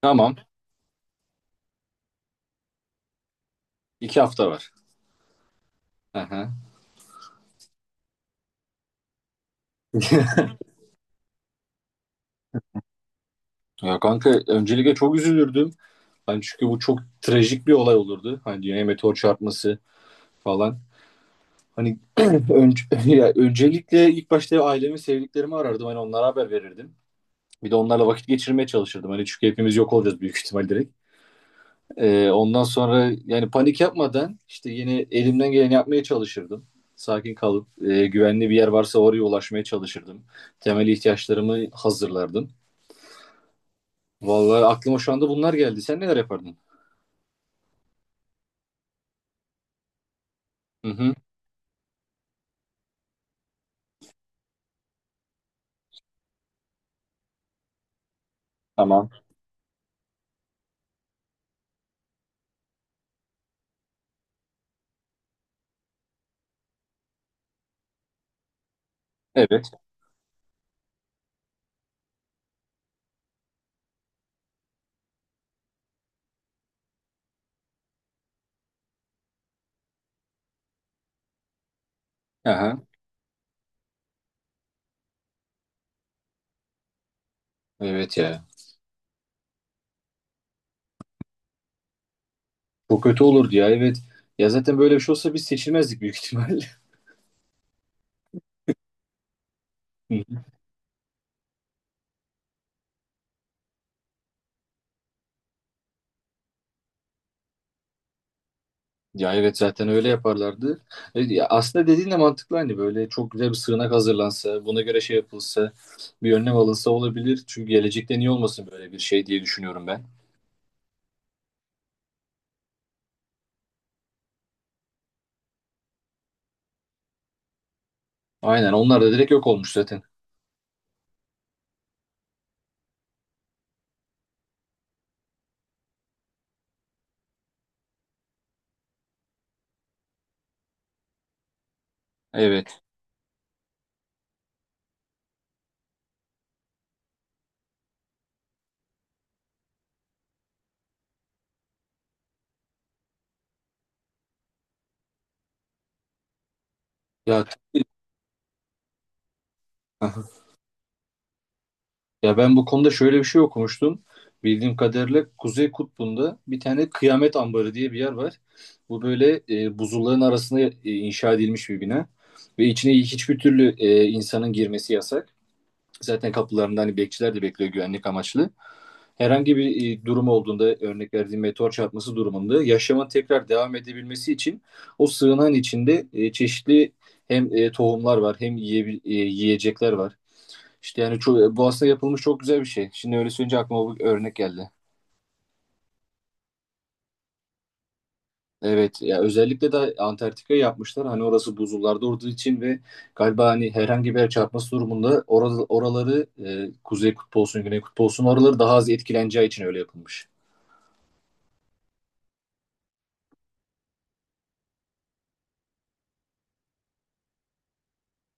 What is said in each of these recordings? Tamam. İki hafta var. Hı hı. Ya kanka öncelikle çok üzülürdüm. Hani çünkü bu çok trajik bir olay olurdu. Hani dünyaya meteor çarpması falan. Hani önce, ya öncelikle ilk başta ailemi, sevdiklerimi arardım. Hani onlara haber verirdim. Bir de onlarla vakit geçirmeye çalışırdım. Hani çünkü hepimiz yok olacağız büyük ihtimal direkt. Ondan sonra yani panik yapmadan işte yine elimden geleni yapmaya çalışırdım. Sakin kalıp güvenli bir yer varsa oraya ulaşmaya çalışırdım. Temel ihtiyaçlarımı hazırlardım. Vallahi aklıma şu anda bunlar geldi. Sen neler yapardın? Hı hı. Tamam. Evet. Aha. Evet ya. Bu kötü olurdu ya. Evet. Ya zaten böyle bir şey olsa biz seçilmezdik büyük ihtimalle. Hı hı. Ya evet zaten öyle yaparlardı. Ya aslında dediğin de mantıklı hani böyle çok güzel bir sığınak hazırlansa, buna göre şey yapılsa, bir önlem alınsa olabilir. Çünkü gelecekte niye olmasın böyle bir şey diye düşünüyorum ben. Aynen onlar da direkt yok olmuş zaten. Evet. Ya. Ya ben bu konuda şöyle bir şey okumuştum. Bildiğim kadarıyla Kuzey Kutbu'nda bir tane Kıyamet Ambarı diye bir yer var. Bu böyle buzulların arasına inşa edilmiş bir bina. Ve içine hiçbir türlü insanın girmesi yasak. Zaten kapılarında hani bekçiler de bekliyor güvenlik amaçlı. Herhangi bir durum olduğunda örnek verdiğim meteor çarpması durumunda yaşamın tekrar devam edebilmesi için o sığınağın içinde çeşitli hem tohumlar var hem yiyecekler var. İşte yani çok, Boğaz'da yapılmış çok güzel bir şey. Şimdi öyle söyleyince aklıma bir örnek geldi. Evet ya özellikle de Antarktika yapmışlar. Hani orası buzullarda olduğu için ve galiba hani herhangi bir yer çarpması durumunda orada, oraları kuzey kutbu olsun, güney kutbu olsun oraları daha az etkileneceği için öyle yapılmış.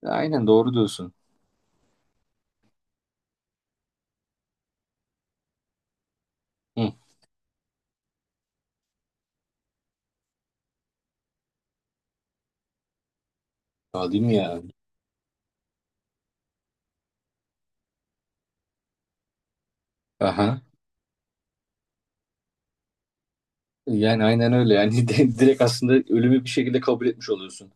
Aynen doğru diyorsun. Hı. Aa, değil mi ya? Aha. Yani aynen öyle. Yani direkt aslında ölümü bir şekilde kabul etmiş oluyorsun.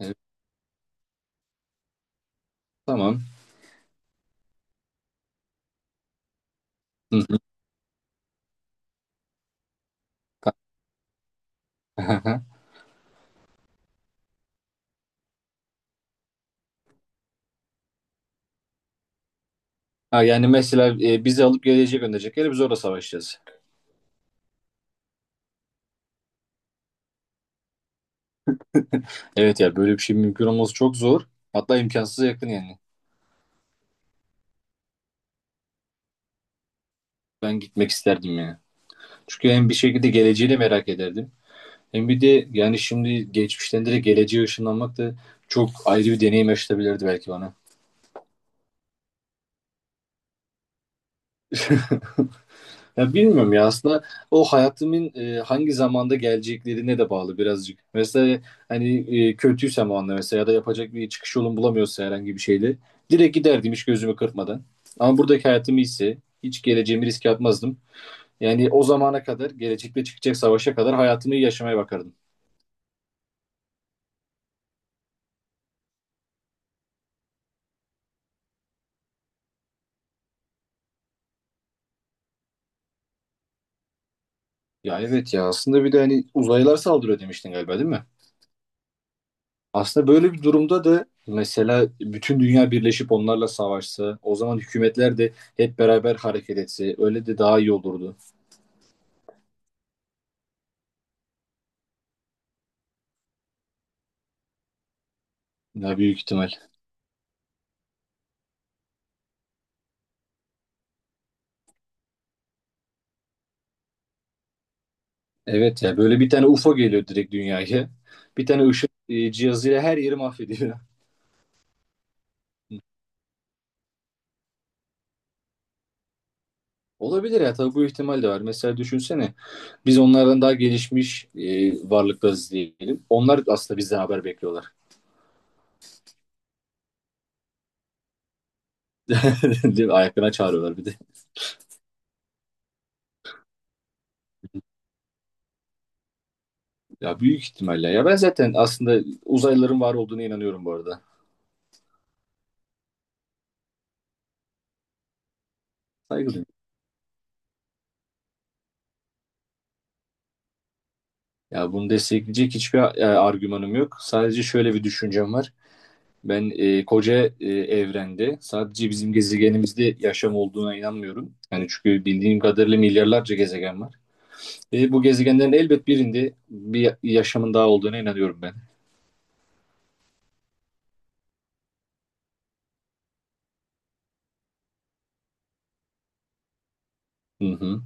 Evet, tamam. Hı hı. Ha, yani mesela bizi alıp geleceğe gönderecekler. Biz orada savaşacağız. Evet ya böyle bir şey mümkün olması çok zor. Hatta imkansıza yakın yani. Ben gitmek isterdim yani. Çünkü hem bir şekilde geleceğini merak ederdim. Hem bir de yani şimdi geçmişten direkt geleceğe ışınlanmak da çok ayrı bir deneyim yaşatabilirdi belki bana. Ya bilmiyorum ya aslında o hayatımın hangi zamanda geleceklerine de bağlı birazcık. Mesela hani kötüysem o anda mesela ya da yapacak bir çıkış yolum bulamıyorsa herhangi bir şeyle direkt giderdim hiç gözümü kırpmadan. Ama buradaki hayatım iyiyse hiç geleceğimi riske atmazdım. Yani o zamana kadar, gelecekte çıkacak savaşa kadar hayatımı iyi yaşamaya bakardım. Ya evet ya aslında bir de hani uzaylılar saldırıyor demiştin galiba değil mi? Aslında böyle bir durumda da mesela bütün dünya birleşip onlarla savaşsa, o zaman hükümetler de hep beraber hareket etse öyle de daha iyi olurdu. Ya büyük ihtimal. Evet ya böyle bir tane UFO geliyor direkt dünyaya. Bir tane ışık cihazıyla her yeri mahvediyor. Olabilir ya tabii bu ihtimal de var. Mesela düşünsene biz onlardan daha gelişmiş varlıklarız diyelim. Onlar aslında bizden haber bekliyorlar. Değil mi? Ayaklarına çağırıyorlar bir de. Ya büyük ihtimalle ya ben zaten aslında uzaylıların var olduğuna inanıyorum bu arada. Saygı duyuyorum. Ya bunu destekleyecek hiçbir argümanım yok. Sadece şöyle bir düşüncem var. Ben koca evrende sadece bizim gezegenimizde yaşam olduğuna inanmıyorum. Yani çünkü bildiğim kadarıyla milyarlarca gezegen var. Ve bu gezegenlerin elbet birinde bir yaşamın daha olduğuna inanıyorum ben. Hı hı.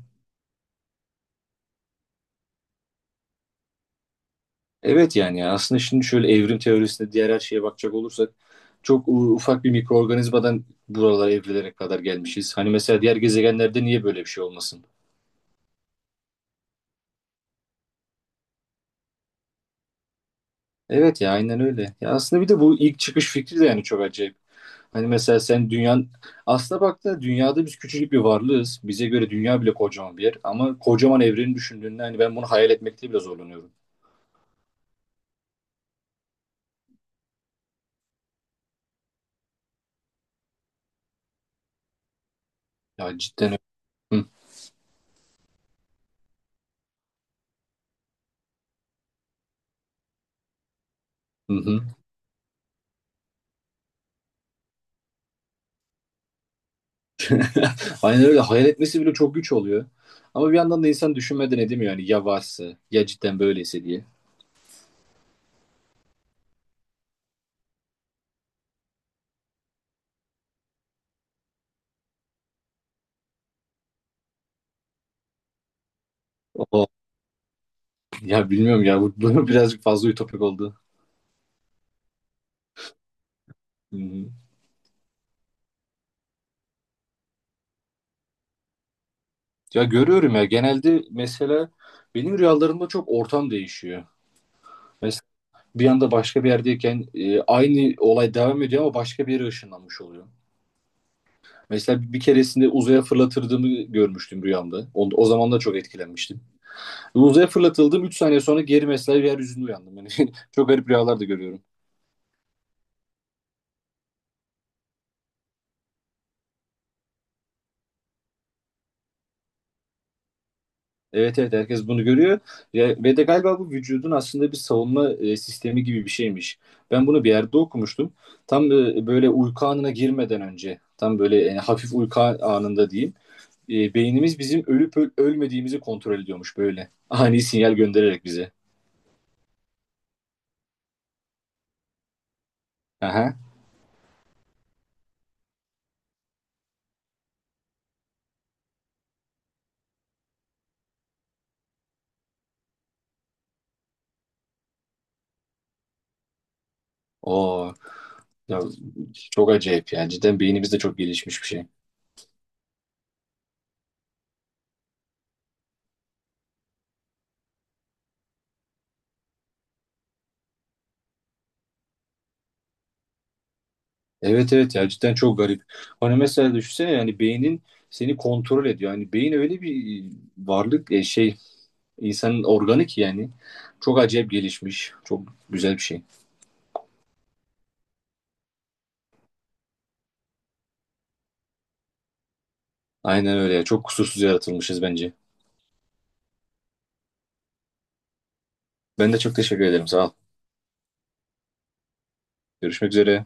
Evet yani ya, aslında şimdi şöyle evrim teorisine diğer her şeye bakacak olursak çok ufak bir mikroorganizmadan buralara evrilere kadar gelmişiz. Hani mesela diğer gezegenlerde niye böyle bir şey olmasın? Evet ya aynen öyle. Ya aslında bir de bu ilk çıkış fikri de yani çok acayip. Hani mesela sen dünyanın aslına baktığında dünyada biz küçücük bir varlığız. Bize göre dünya bile kocaman bir yer ama kocaman evreni düşündüğünde hani ben bunu hayal etmekte bile zorlanıyorum. Ya cidden. Hı hı. Aynen öyle. Hayal etmesi bile çok güç oluyor. Ama bir yandan da insan düşünmeden edemiyor yani ya varsa ya cidden böyleyse diye. O ya bilmiyorum ya bu birazcık fazla ütopik oldu. Hı hı. Ya görüyorum ya genelde mesela benim rüyalarımda çok ortam değişiyor. Mesela bir anda başka bir yerdeyken aynı olay devam ediyor ama başka bir yere ışınlanmış oluyor. Mesela bir keresinde uzaya fırlatırdığımı görmüştüm rüyamda. O zaman da çok etkilenmiştim. Uzaya fırlatıldım. 3 saniye sonra geri mesela yeryüzünde uyandım. Yani çok garip rüyalar da görüyorum. Evet evet herkes bunu görüyor. Ya, ve de galiba bu vücudun aslında bir savunma sistemi gibi bir şeymiş. Ben bunu bir yerde okumuştum. Tam böyle uyku anına girmeden önce, tam böyle yani hafif uyku anında diyeyim. Beynimiz bizim ölüp ölmediğimizi kontrol ediyormuş böyle. Ani sinyal göndererek bize. Aha. Oo. Ya, çok acayip yani. Cidden beynimiz de çok gelişmiş bir şey. Evet evet ya cidden çok garip. Hani mesela düşünsene yani beynin seni kontrol ediyor. Yani beyin öyle bir varlık şey insanın organı ki yani çok acayip gelişmiş. Çok güzel bir şey. Aynen öyle ya. Çok kusursuz yaratılmışız bence. Ben de çok teşekkür ederim. Sağ ol. Görüşmek üzere.